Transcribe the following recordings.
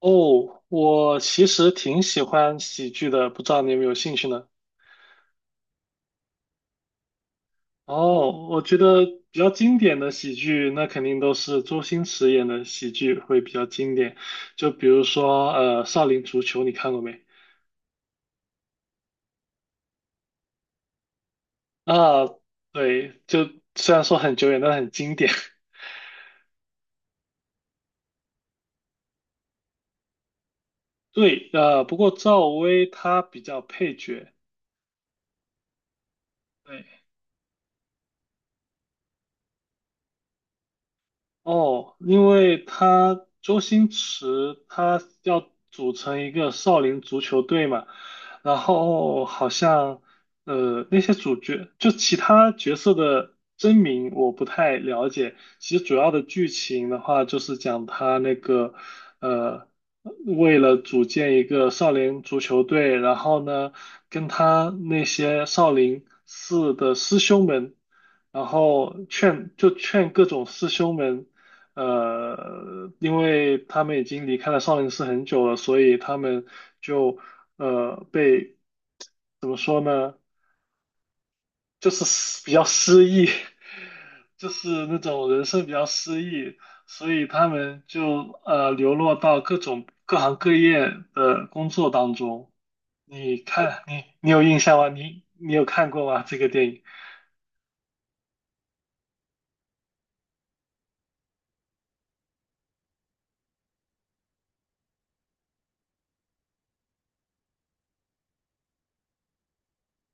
哦，我其实挺喜欢喜剧的，不知道你有没有兴趣呢？哦，我觉得比较经典的喜剧，那肯定都是周星驰演的喜剧会比较经典。就比如说，少林足球》，你看过没？啊，对，就虽然说很久远，但很经典。对，不过赵薇她比较配角。对。哦，因为他周星驰他要组成一个少林足球队嘛，然后好像那些主角就其他角色的真名我不太了解，其实主要的剧情的话就是讲他那个呃为了组建一个少林足球队，然后呢跟他那些少林寺的师兄们。然后劝各种师兄们因为他们已经离开了少林寺很久了，所以他们就被怎么说呢，就是失比较失意，就是那种人生比较失意，所以他们就流落到各种各行各业的工作当中。你看，你有印象吗？你有看过吗？这个电影？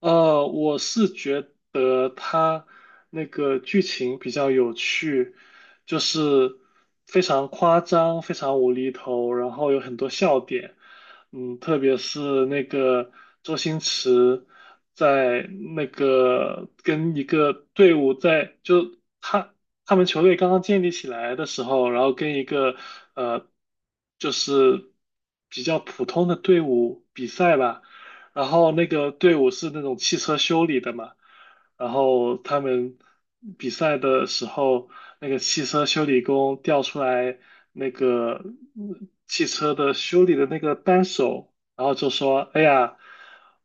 我是觉得他那个剧情比较有趣，就是非常夸张、非常无厘头，然后有很多笑点。嗯，特别是那个周星驰在那个跟一个队伍在就他他们球队刚刚建立起来的时候，然后跟一个呃就是比较普通的队伍比赛吧。然后那个队伍是那种汽车修理的嘛，然后他们比赛的时候，那个汽车修理工调出来那个汽车的修理的那个扳手，然后就说："哎呀，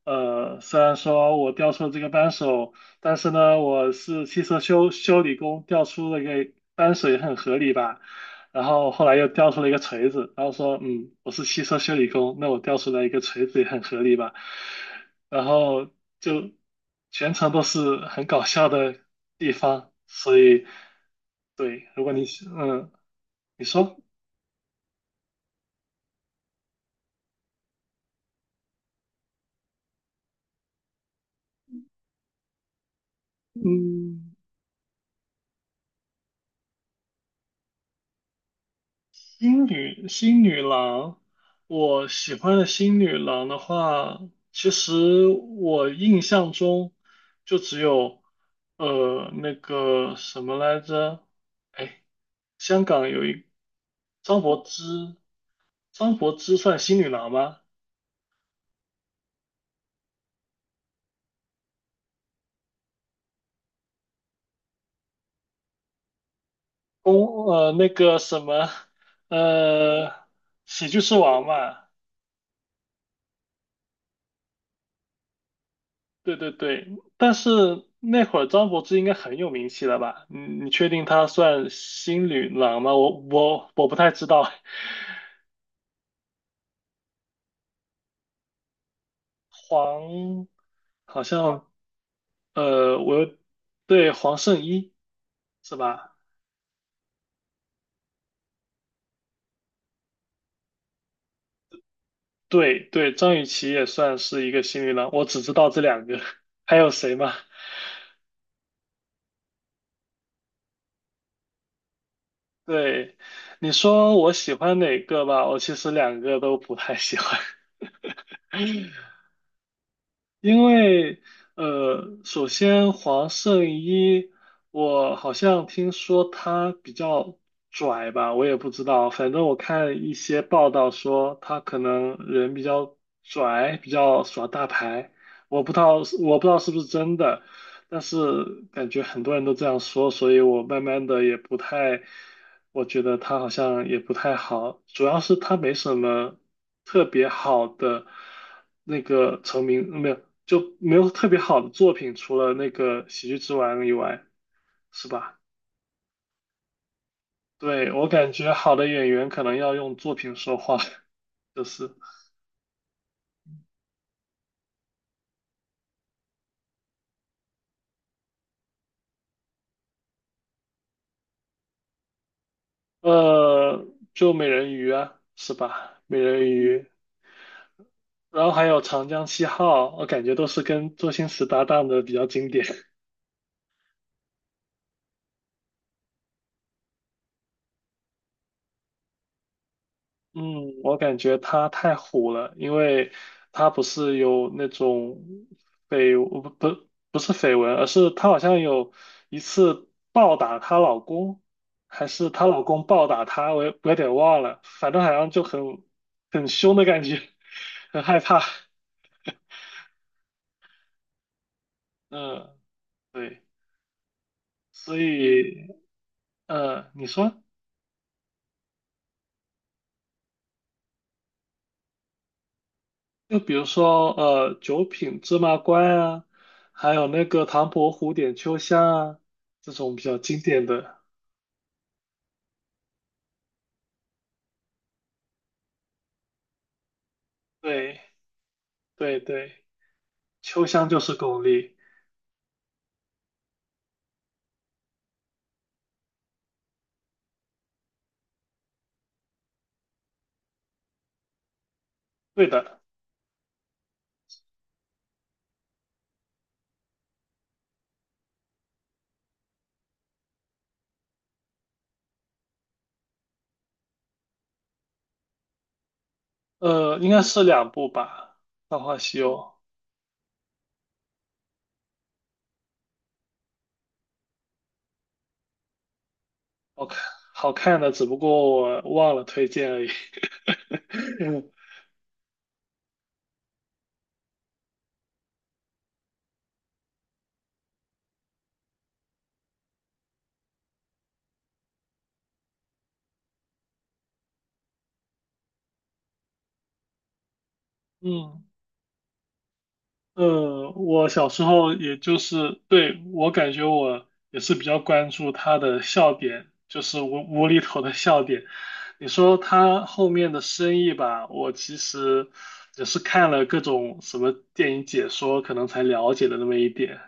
虽然说我调出了这个扳手，但是呢，我是汽车修理工，调出了个扳手也很合理吧。"然后后来又掉出了一个锤子，然后说，嗯，我是汽车修理工，那我掉出来一个锤子也很合理吧。然后就全程都是很搞笑的地方，所以对，如果你嗯，你说，嗯。新女郎，我喜欢的新女郎的话，其实我印象中就只有那个什么来着，哎，香港有一张柏芝，张柏芝算新女郎吗？公呃那个什么呃喜剧之王嘛，对对对，但是那会儿张柏芝应该很有名气了吧？你你确定她算新女郎吗？我不太知道，黄好像我又对黄圣依是吧？对对，张雨绮也算是一个新女郎，我只知道这两个，还有谁吗？对，你说我喜欢哪个吧？我其实两个都不太喜欢。因为首先黄圣依，我好像听说她比较拽吧，我也不知道，反正我看一些报道说她可能人比较拽，比较耍大牌，我不知道我不知道是不是真的，但是感觉很多人都这样说，所以我慢慢的也不太，我觉得他好像也不太好，主要是他没什么特别好的那个成名，没有，就没有特别好的作品，除了那个《喜剧之王》以外，是吧？对，我感觉好的演员可能要用作品说话，就是，呃，就美人鱼啊，是吧？美人鱼。然后还有长江七号，我感觉都是跟周星驰搭档的比较经典。嗯，我感觉他太虎了，因为他不是有那种绯不不不是绯闻，而是他好像有一次暴打她老公，还是她老公暴打她，我有点忘了，反正好像就很很凶的感觉，很害怕。嗯，对，所以嗯，你说。就比如说，九品芝麻官啊，还有那个唐伯虎点秋香啊，这种比较经典的。对对对，秋香就是巩俐。对的，应该是两部吧，《大话西游》好看，好看的，只不过我忘了推荐而已。嗯，我小时候也就是，对，我感觉我也是比较关注他的笑点，就是无厘头的笑点。你说他后面的生意吧，我其实也是看了各种什么电影解说，可能才了解的那么一点。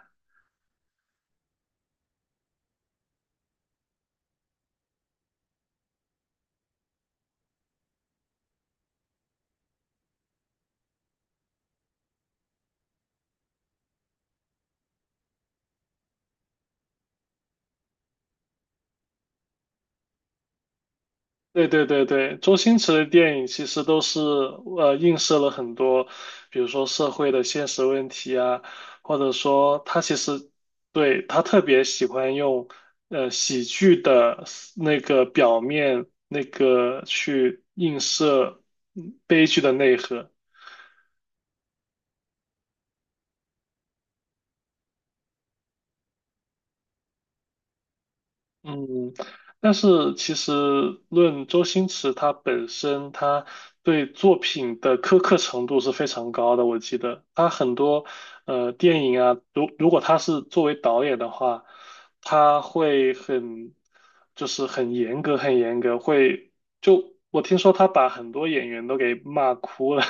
对对对对，周星驰的电影其实都是映射了很多，比如说社会的现实问题啊，或者说他其实对他特别喜欢用喜剧的那个表面那个去映射悲剧的内核。嗯，但是其实论周星驰他本身，他对作品的苛刻程度是非常高的。我记得他很多电影啊，如果他是作为导演的话，他会很就是很严格，很严格，会就我听说他把很多演员都给骂哭了。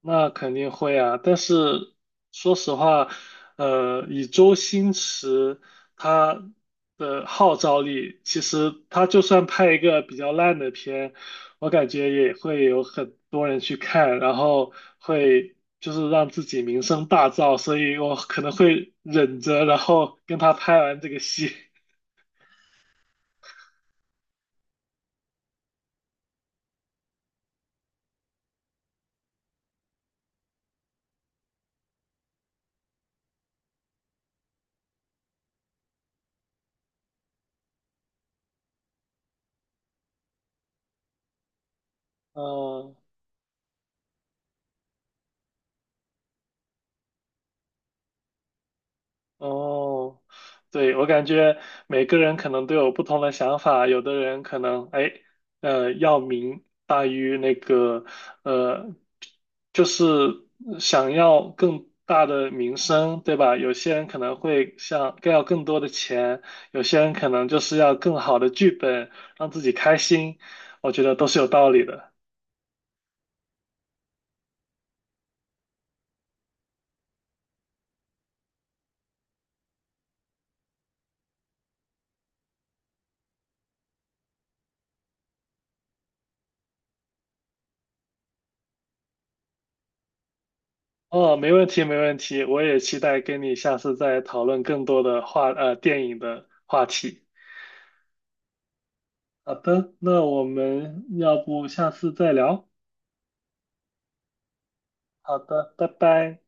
那肯定会啊，但是说实话，以周星驰他的号召力，其实他就算拍一个比较烂的片，我感觉也会有很多人去看，然后会就是让自己名声大噪，所以我可能会忍着，然后跟他拍完这个戏。嗯、哦，对，我感觉每个人可能都有不同的想法，有的人可能哎，要名大于那个，呃，就是想要更大的名声，对吧？有些人可能会想更要更多的钱，有些人可能就是要更好的剧本，让自己开心，我觉得都是有道理的。哦，没问题，没问题，我也期待跟你下次再讨论更多的话，电影的话题。好的，那我们要不下次再聊？好的，拜拜。